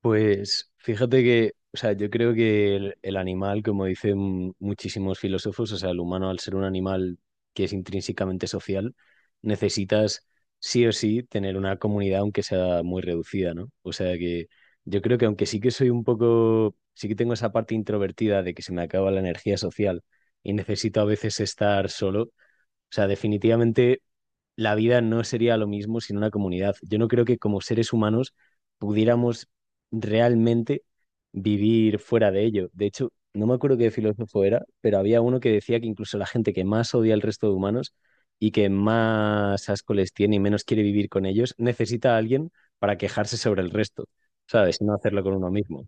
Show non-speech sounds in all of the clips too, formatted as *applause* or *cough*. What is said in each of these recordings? Pues fíjate que, o sea, yo creo que el animal, como dicen muchísimos filósofos, o sea, el humano al ser un animal que es intrínsecamente social, necesitas sí o sí tener una comunidad aunque sea muy reducida, ¿no? O sea que yo creo que aunque sí que soy un poco, sí que tengo esa parte introvertida de que se me acaba la energía social y necesito a veces estar solo, o sea, definitivamente la vida no sería lo mismo sin una comunidad. Yo no creo que como seres humanos pudiéramos realmente vivir fuera de ello. De hecho, no me acuerdo qué filósofo era, pero había uno que decía que incluso la gente que más odia al resto de humanos y que más asco les tiene y menos quiere vivir con ellos, necesita a alguien para quejarse sobre el resto, ¿sabes? Y no hacerlo con uno mismo.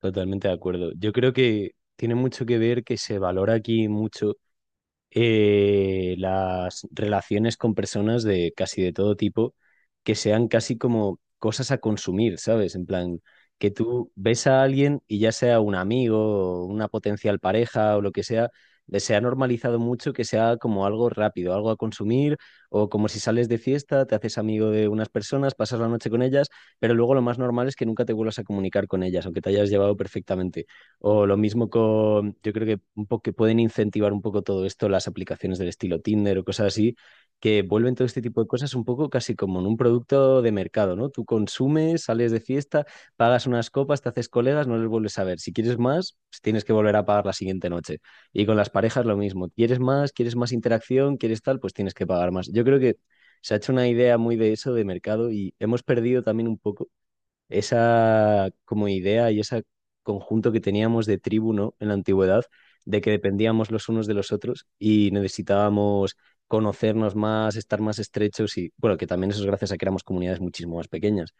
Totalmente de acuerdo. Yo creo que tiene mucho que ver que se valora aquí mucho las relaciones con personas de casi de todo tipo que sean casi como cosas a consumir, ¿sabes? En plan, que tú ves a alguien y ya sea un amigo, o una potencial pareja o lo que sea, le se ha normalizado mucho que sea como algo rápido, algo a consumir, o como si sales de fiesta, te haces amigo de unas personas, pasas la noche con ellas, pero luego lo más normal es que nunca te vuelvas a comunicar con ellas, aunque te hayas llevado perfectamente. O lo mismo con, yo creo que un poco que pueden incentivar un poco todo esto, las aplicaciones del estilo Tinder o cosas así, que vuelven todo este tipo de cosas un poco casi como en un producto de mercado, ¿no? Tú consumes, sales de fiesta, pagas unas copas, te haces colegas, no les vuelves a ver. Si quieres más, pues tienes que volver a pagar la siguiente noche. Y con las parejas lo mismo. ¿Quieres más? ¿Quieres más interacción? ¿Quieres tal? Pues tienes que pagar más. Yo creo que se ha hecho una idea muy de eso de mercado y hemos perdido también un poco esa como idea y ese conjunto que teníamos de tribu, ¿no? En la antigüedad, de que dependíamos los unos de los otros y necesitábamos conocernos más, estar más estrechos y, bueno, que también eso es gracias a que éramos comunidades muchísimo más pequeñas.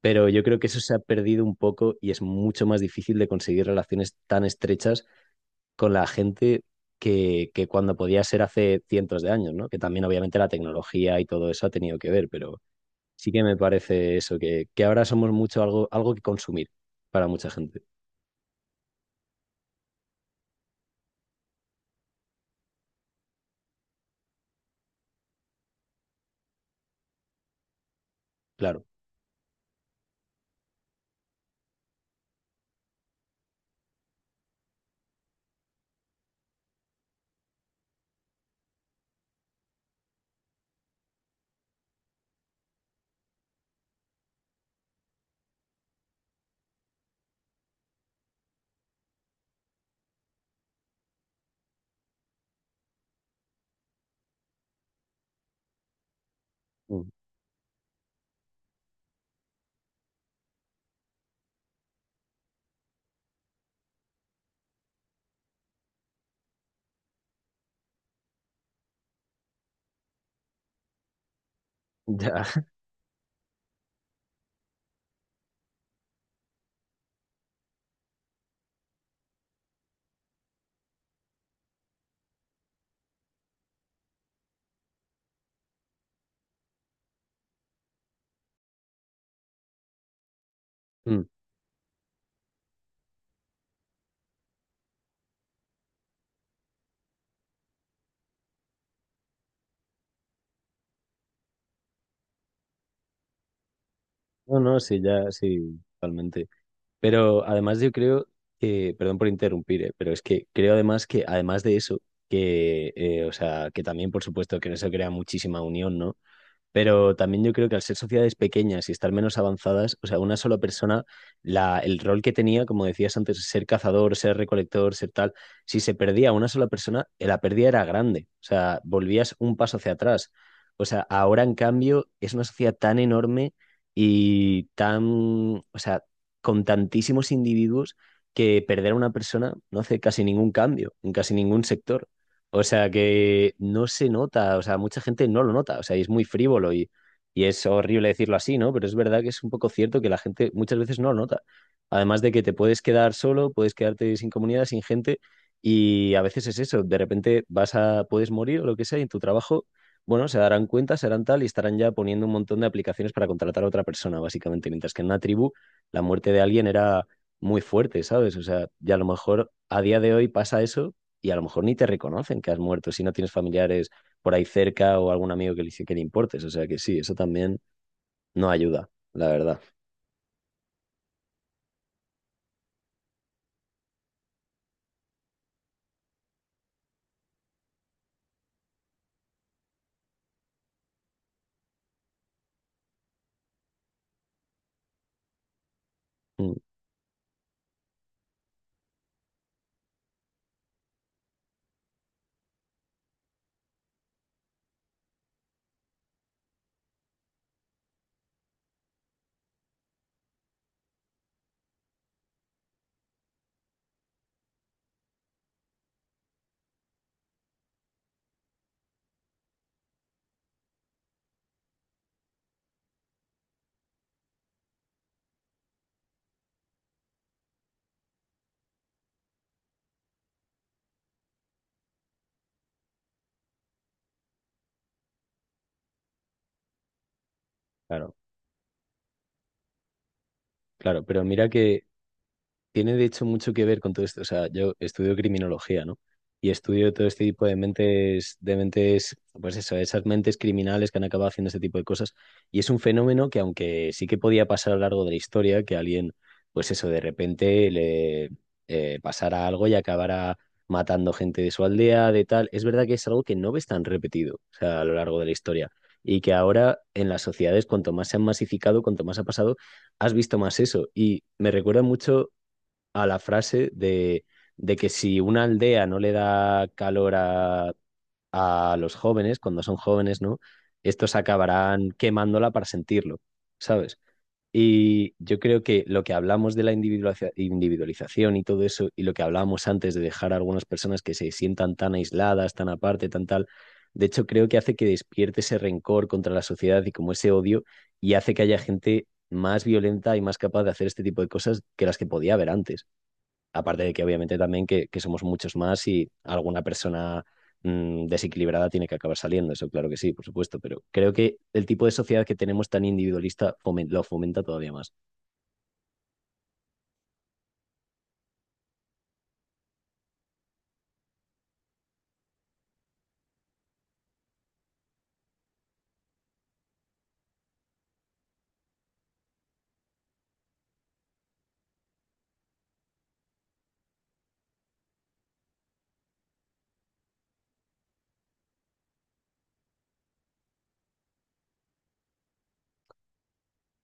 Pero yo creo que eso se ha perdido un poco y es mucho más difícil de conseguir relaciones tan estrechas con la gente. Que cuando podía ser hace cientos de años, ¿no? Que también obviamente la tecnología y todo eso ha tenido que ver, pero sí que me parece eso, que ahora somos mucho algo, algo que consumir para mucha gente, claro. Mm. Ya, *laughs* mm. No, no, sí, ya, sí, totalmente. Pero además yo creo que, perdón por interrumpir, pero es que creo además que, además de eso, que, o sea, que también, por supuesto, que en eso crea muchísima unión, ¿no? Pero también yo creo que al ser sociedades pequeñas y estar menos avanzadas, o sea, una sola persona, la, el rol que tenía, como decías antes, ser cazador, ser recolector, ser tal, si se perdía una sola persona, la pérdida era grande. O sea, volvías un paso hacia atrás. O sea, ahora en cambio es una sociedad tan enorme y tan, o sea, con tantísimos individuos que perder a una persona no hace casi ningún cambio en casi ningún sector. O sea que no se nota, o sea, mucha gente no lo nota, o sea, y es muy frívolo y es horrible decirlo así, ¿no? Pero es verdad que es un poco cierto que la gente muchas veces no lo nota. Además de que te puedes quedar solo, puedes quedarte sin comunidad, sin gente, y a veces es eso, de repente vas a, puedes morir o lo que sea, y en tu trabajo, bueno, se darán cuenta, se harán tal y estarán ya poniendo un montón de aplicaciones para contratar a otra persona, básicamente, mientras que en una tribu la muerte de alguien era muy fuerte, ¿sabes? O sea, ya a lo mejor a día de hoy pasa eso y a lo mejor ni te reconocen que has muerto si no tienes familiares por ahí cerca o algún amigo que le importes. O sea que sí, eso también no ayuda, la verdad. Mm, claro, claro. Pero mira que tiene de hecho mucho que ver con todo esto. O sea, yo estudio criminología, ¿no? Y estudio todo este tipo de mentes, pues eso, esas mentes criminales que han acabado haciendo este tipo de cosas. Y es un fenómeno que, aunque sí que podía pasar a lo largo de la historia, que alguien, pues eso, de repente le pasara algo y acabara matando gente de su aldea, de tal, es verdad que es algo que no ves tan repetido, o sea, a lo largo de la historia. Y que ahora en las sociedades, cuanto más se han masificado, cuanto más ha pasado, has visto más eso. Y me recuerda mucho a la frase de que si una aldea no le da calor a los jóvenes, cuando son jóvenes, ¿no? Estos acabarán quemándola para sentirlo, ¿sabes? Y yo creo que lo que hablamos de la individualización y todo eso, y lo que hablábamos antes de dejar a algunas personas que se sientan tan aisladas, tan aparte, tan tal, de hecho creo que hace que despierte ese rencor contra la sociedad y como ese odio, y hace que haya gente más violenta y más capaz de hacer este tipo de cosas que las que podía haber antes. Aparte de que obviamente también que somos muchos más y alguna persona desequilibrada tiene que acabar saliendo, eso claro que sí, por supuesto, pero creo que el tipo de sociedad que tenemos tan individualista lo fomenta todavía más.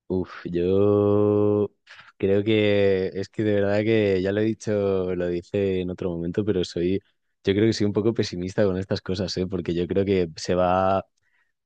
Uf, yo creo que es que de verdad que ya lo he dicho, lo dice en otro momento, pero soy, yo creo que soy un poco pesimista con estas cosas, ¿eh? Porque yo creo que se va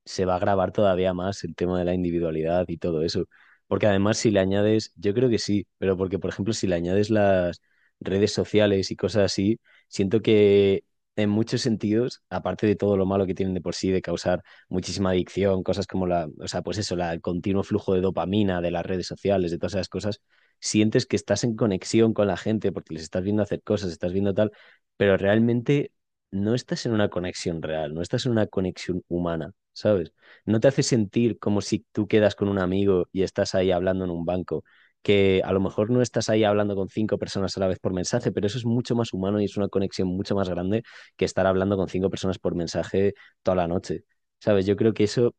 se va a grabar todavía más el tema de la individualidad y todo eso. Porque además si le añades, yo creo que sí, pero porque por ejemplo si le añades las redes sociales y cosas así, siento que en muchos sentidos, aparte de todo lo malo que tienen de por sí, de causar muchísima adicción, cosas como la, o sea, pues eso, la, el continuo flujo de dopamina de las redes sociales, de todas esas cosas, sientes que estás en conexión con la gente porque les estás viendo hacer cosas, estás viendo tal, pero realmente no estás en una conexión real, no estás en una conexión humana, ¿sabes? No te hace sentir como si tú quedas con un amigo y estás ahí hablando en un banco, que a lo mejor no estás ahí hablando con cinco personas a la vez por mensaje, pero eso es mucho más humano y es una conexión mucho más grande que estar hablando con cinco personas por mensaje toda la noche, ¿sabes? Yo creo que eso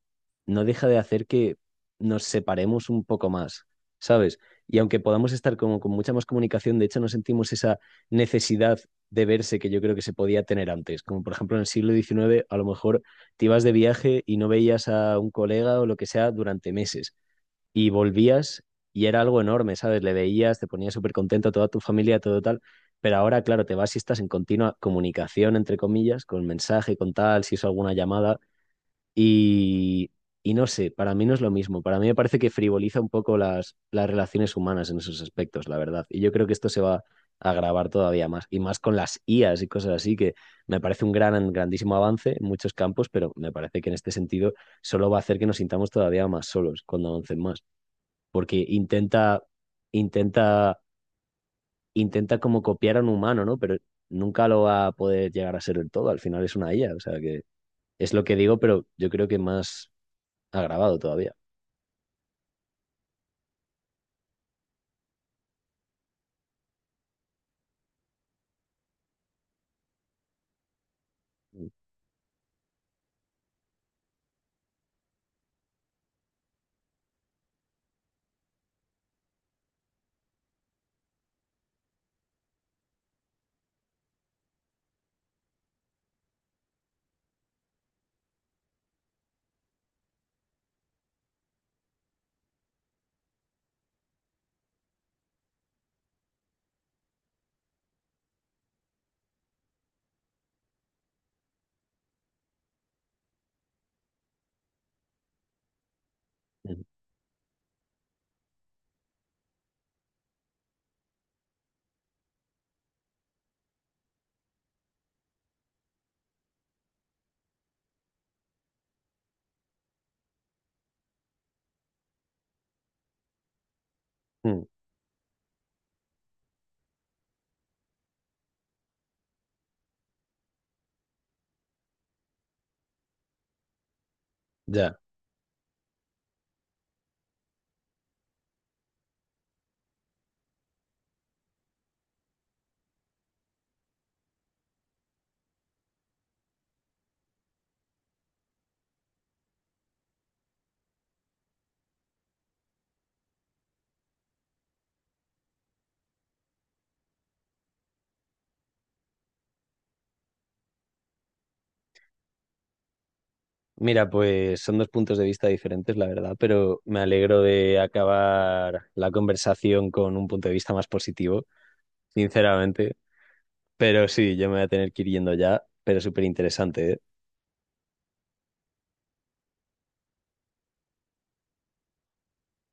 no deja de hacer que nos separemos un poco más, ¿sabes? Y aunque podamos estar como con mucha más comunicación, de hecho no sentimos esa necesidad de verse que yo creo que se podía tener antes. Como por ejemplo en el siglo XIX, a lo mejor te ibas de viaje y no veías a un colega o lo que sea durante meses y volvías y era algo enorme, ¿sabes? Le veías, te ponías súper contento a toda tu familia, todo tal. Pero ahora, claro, te vas y estás en continua comunicación, entre comillas, con mensaje, con tal, si hizo alguna llamada. Y, y no sé, para mí no es lo mismo. Para mí me parece que frivoliza un poco las relaciones humanas en esos aspectos, la verdad. Y yo creo que esto se va a agravar todavía más. Y más con las IAs y cosas así, que me parece un gran, grandísimo avance en muchos campos, pero me parece que en este sentido solo va a hacer que nos sintamos todavía más solos cuando avancen más. Porque intenta, intenta como copiar a un humano, ¿no? Pero nunca lo va a poder llegar a ser del todo. Al final es una IA. O sea que es lo que digo, pero yo creo que más ha grabado todavía. Mm. Ya. Mira, pues son dos puntos de vista diferentes, la verdad, pero me alegro de acabar la conversación con un punto de vista más positivo, sinceramente. Pero sí, yo me voy a tener que ir yendo ya, pero súper interesante,